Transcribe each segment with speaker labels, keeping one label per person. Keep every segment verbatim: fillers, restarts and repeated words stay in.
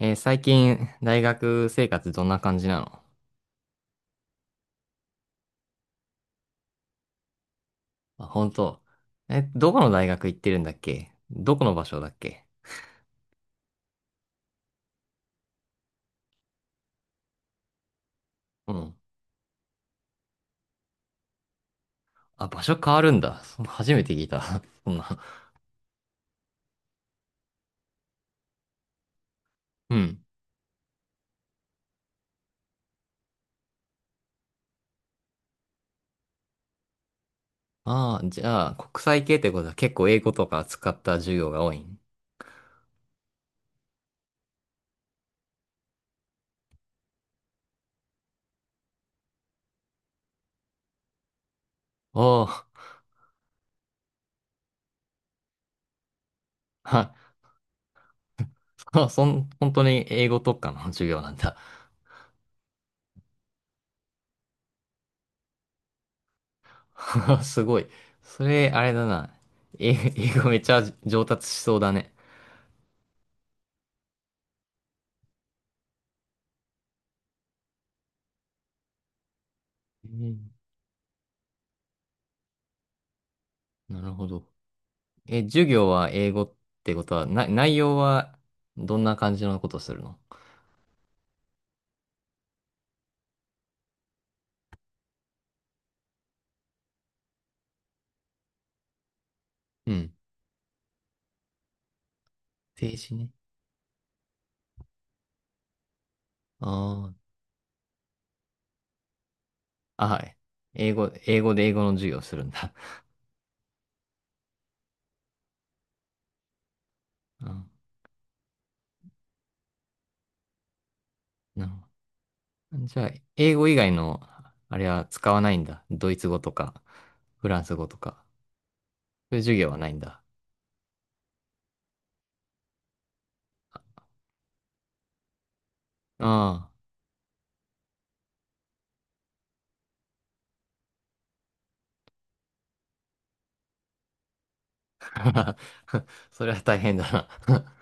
Speaker 1: えー最近、大学生活どんな感じなの？あ、本当。え、どこの大学行ってるんだっけ？どこの場所だっけ？うん。あ、場所変わるんだ。そ初めて聞いた。そんな。うん。ああ、じゃあ、国際系ってことは結構英語とか使った授業が多いん？おおー。は、そ、そん、本当に英語特化の 授業なんだ。すごい。それ、あれだな。英英語めっちゃ上達しそうだね。うん。なるほど。え、授業は英語ってことは、な、内容はどんな感じのことするの？うん。政治ね。ああ、あ、はい。英語、英語で英語の授業をするんだ。あ、なるほど。じゃあ、英語以外の、あれは使わないんだ。ドイツ語とか、フランス語とか。そういう授業はないんだ。ああ。それは大変だな。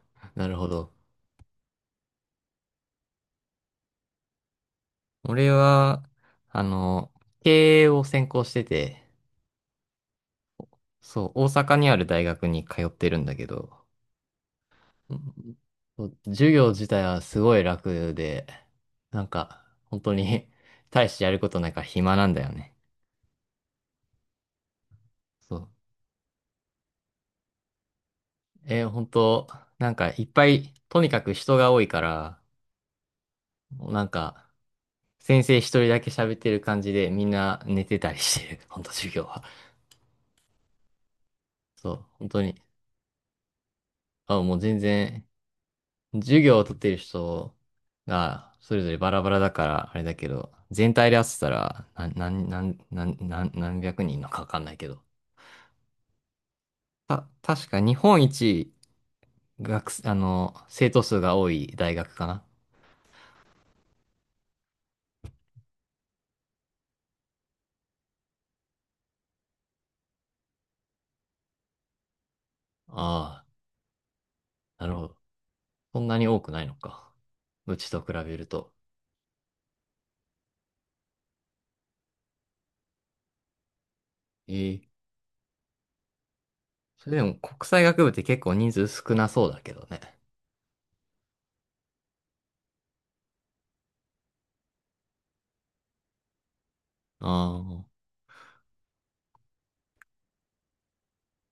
Speaker 1: なるほど。俺は、あの、経営を専攻してて、そう、大阪にある大学に通ってるんだけど、うん。そう、授業自体はすごい楽で、なんか、本当に 大してやることないから暇なんだよね。そう。えー、本当、なんかいっぱい、とにかく人が多いから、なんか、先生一人だけ喋ってる感じでみんな寝てたりしてる、本当授業は。そう、本当に。あ、もう全然授業を取っている人が、それぞれバラバラだから、あれだけど、全体で合っせたら、な、なん、なん、なん、なん何百人のかわかんないけど。た、確か日本一学生、あの、生徒数が多い大学かな。ああ、なるほど。そんなに多くないのか。うちと比べると。ええ。それでも国際学部って結構人数少なそうだけどね。ああ、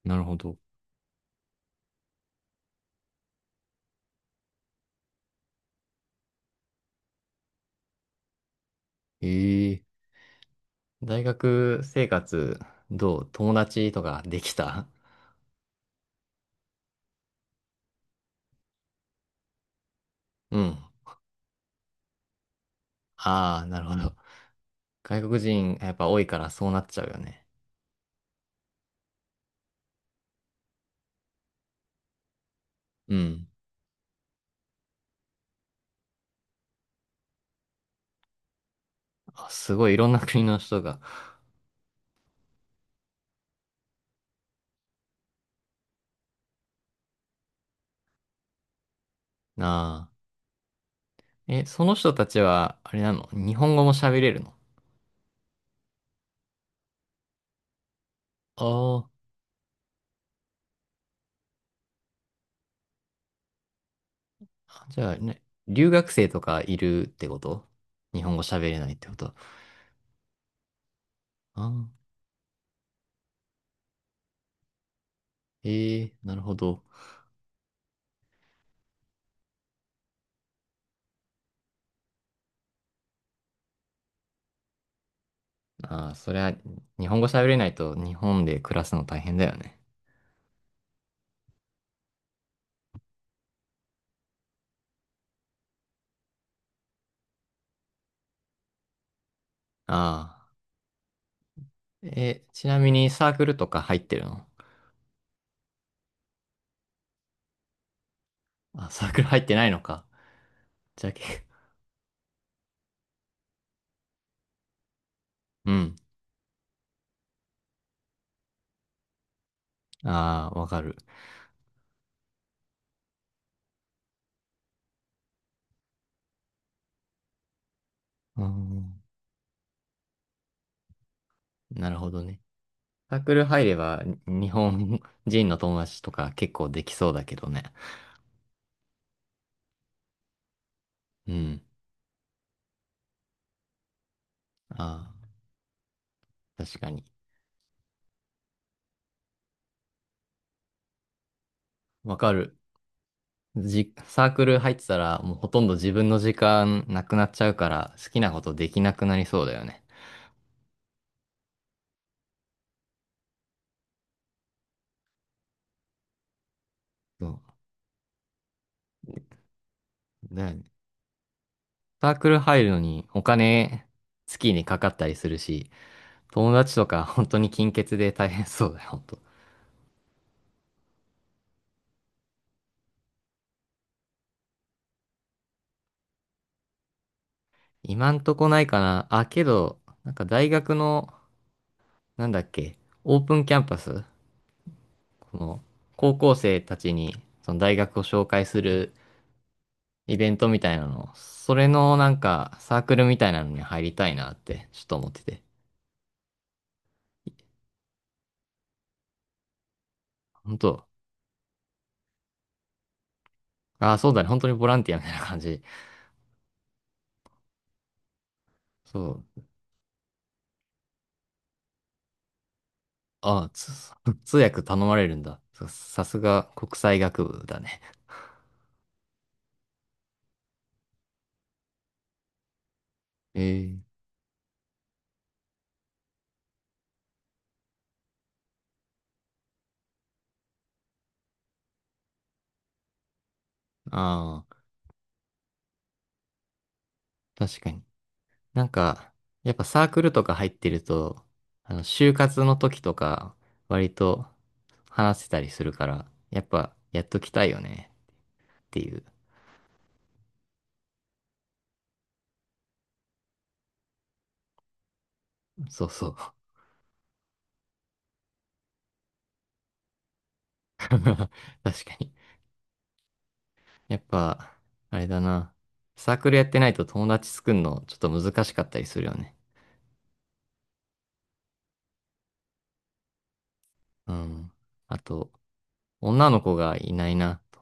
Speaker 1: なるほど。ええ。大学生活、どう？友達とかできた？うん。ああ、なるほど。外国人やっぱ多いからそうなっちゃうよね。うん。あ、すごいいろんな国の人が。なあ。え、その人たちは、あれなの？日本語も喋れるの？ああー。じゃあね、留学生とかいるってこと？日本語喋れないってこと？ああー。ええ、なるほど。ああ、そりゃ、日本語喋れないと日本で暮らすの大変だよね。ああ。え、ちなみにサークルとか入ってるの？あ、サークル入ってないのか。じゃあ、け うん。ああ、わかる。うん。なるほどね。サークル入れば、に日本人の友達とか結構できそうだけどね。うん。ああ、確かに。わかる。じ、サークル入ってたら、もうほとんど自分の時間なくなっちゃうから、好きなことできなくなりそうだよね。そう。だよね。サークル入るのにお金、月にかかったりするし、友達とか本当に金欠で大変そうだよ、本当。今んとこないかな。あ、けど、なんか大学のなんだっけ、オープンキャンパス、この、高校生たちに、その大学を紹介するイベントみたいなの、それのなんか、サークルみたいなのに入りたいなって、ちょっと思ってて。本当？ああ、そうだね。本当にボランティアみたいな感じ。そう。ああ、つ 通訳頼まれるんだ。ささすが国際学部だね。ええ。ああ、確かに。なんか、やっぱサークルとか入ってると、あの、就活の時とか、割と話せたりするから、やっぱ、やっときたいよね、っていう。そうそう。確かに。やっぱ、あれだな。サークルやってないと友達作るの、ちょっと難しかったりするよね。うん。あと、女の子がいないな、と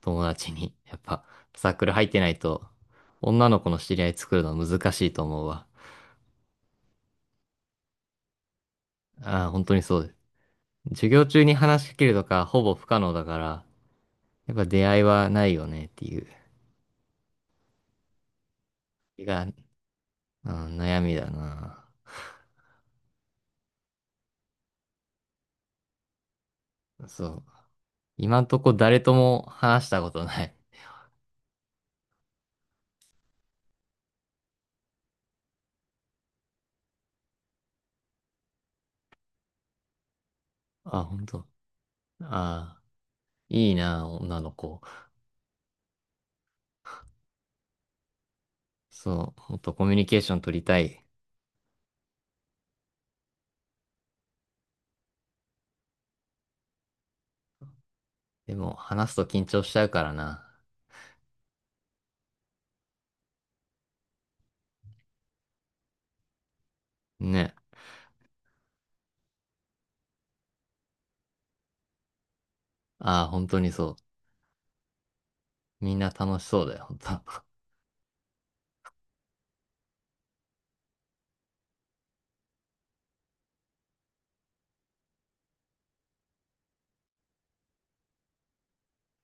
Speaker 1: 友達に。やっぱ、サークル入ってないと、女の子の知り合い作るの難しいと思うわ。ああ、本当にそうです。授業中に話しかけるとかほぼ不可能だから、やっぱ出会いはないよねっていう、が、うん、悩みだな。そう。今んとこ誰とも話したことない。あ、本当。ああ、いいな、女の子。そう、もっとコミュニケーション取りたい。でも、話すと緊張しちゃうからな。ね。ああ、本当にそう。みんな楽しそうだよ、本当。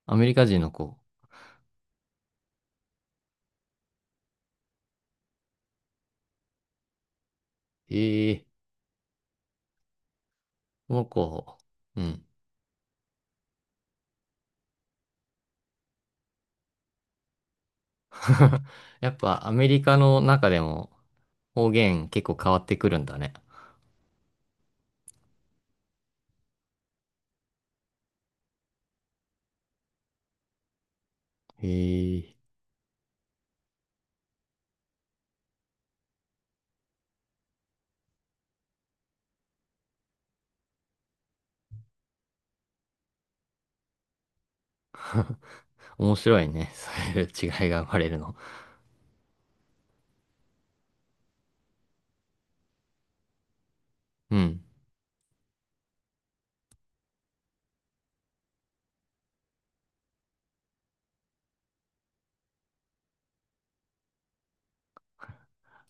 Speaker 1: アメリカ人の子。ええ。この子。うん。やっぱアメリカの中でも方言結構変わってくるんだね。へえ、面白いね。そういう違いが生まれるの。うん。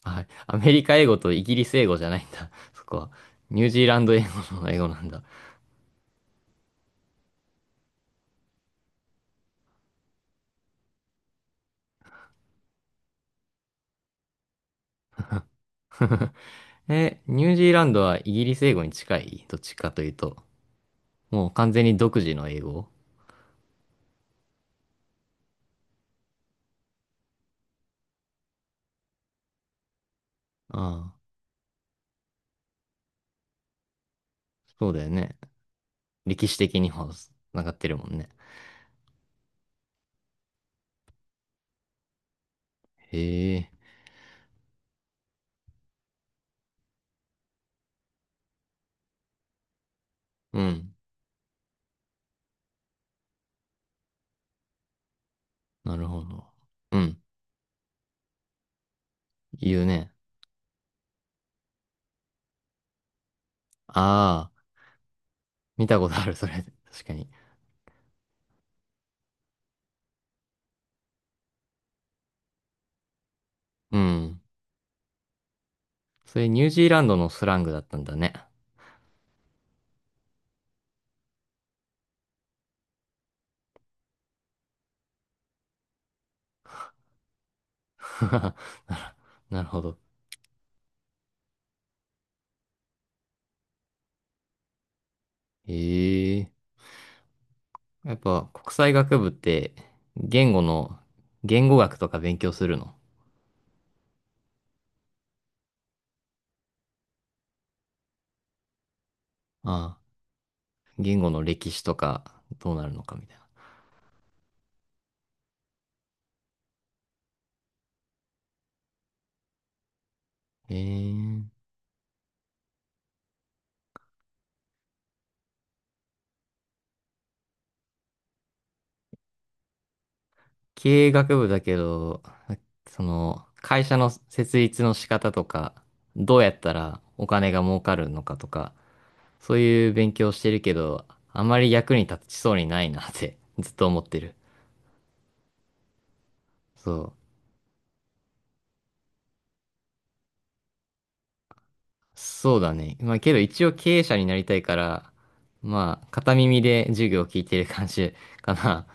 Speaker 1: あ、アメリカ英語とイギリス英語じゃないんだ。そこは。ニュージーランド英語の英語なんだ。え、ニュージーランドはイギリス英語に近いどっちかというと。もう完全に独自の英語。ああ、そうだよね。歴史的にも繋がってるもんね。へえ、うん。なるほど。うん。言うね。ああ。見たことある、それ。確かに。うん。それニュージーランドのスラングだったんだね。なるなるほど。ええ。やっぱ国際学部って言語の、言語学とか勉強するの？ああ、言語の歴史とかどうなるのかみたいな。ええ。経営学部だけど、その、会社の設立の仕方とか、どうやったらお金が儲かるのかとか、そういう勉強してるけど、あまり役に立ちそうにないなって ずっと思ってる。そう。そうだね。まあけど一応経営者になりたいから、まあ片耳で授業を聞いてる感じ かな。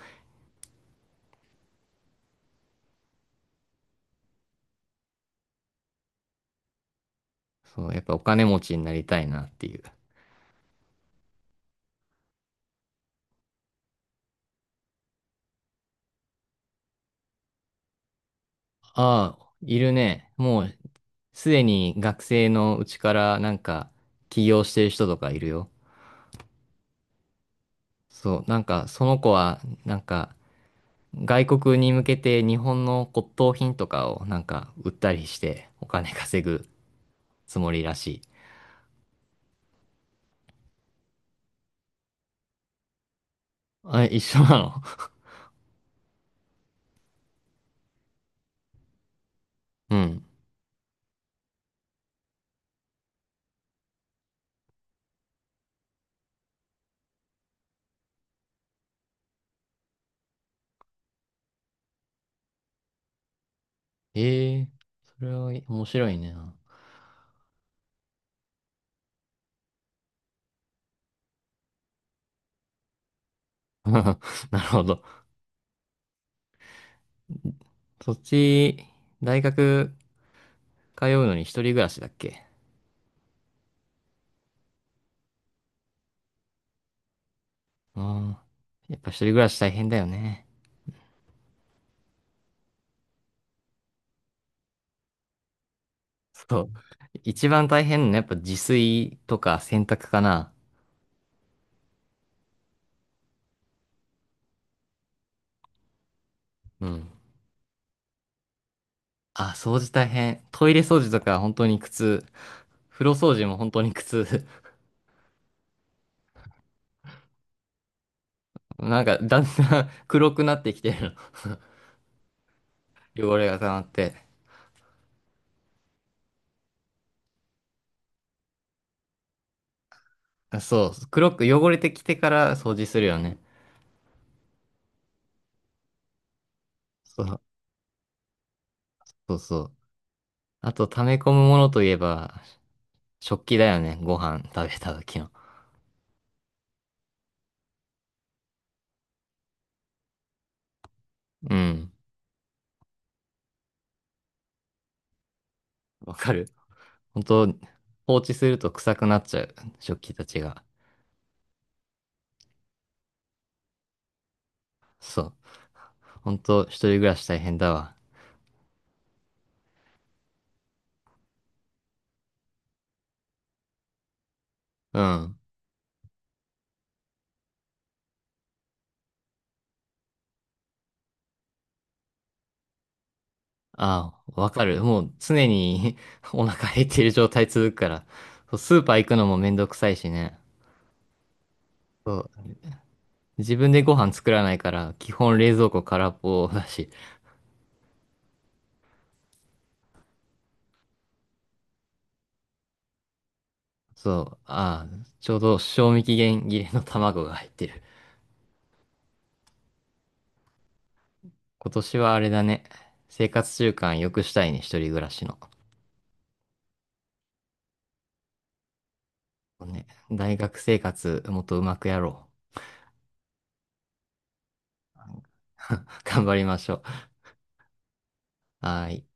Speaker 1: そう、やっぱお金持ちになりたいなっていう。ああ、いるね。もうすでに学生のうちからなんか起業してる人とかいるよ。そう、なんかその子はなんか外国に向けて日本の骨董品とかをなんか売ったりしてお金稼ぐつもりらしい。あ、一緒なの？ うん。ええ、それは面白いね。なるほど。そっち、大学通うのに一人暮らしだっけ？あん。やっぱ一人暮らし大変だよね。そう。一番大変なのやっぱ自炊とか洗濯かな。うん。あ、掃除大変。トイレ掃除とか本当に苦痛。風呂掃除も本当に苦痛。なんかだんだん 黒くなってきてるの。汚れが溜まって。あそう。黒く汚れてきてから掃除するよね。そう、そうそう。あと溜め込むものといえば、食器だよね。ご飯食べた時の。うん。わかる。本当放置すると臭くなっちゃう。食器たちが。そう。ほんと、一人暮らし大変だわ。うん。ああ、わかる。もう常に お腹減っている状態続くから。そうスーパー行くのもめんどくさいしね。そう。自分でご飯作らないから、基本冷蔵庫空っぽだし。そう。ああ、ちょうど賞味期限切れの卵が入ってる。今年はあれだね。生活習慣良くしたいね、一人暮らしの。ね、大学生活もっとうまくやろう。頑張りましょう。はーい。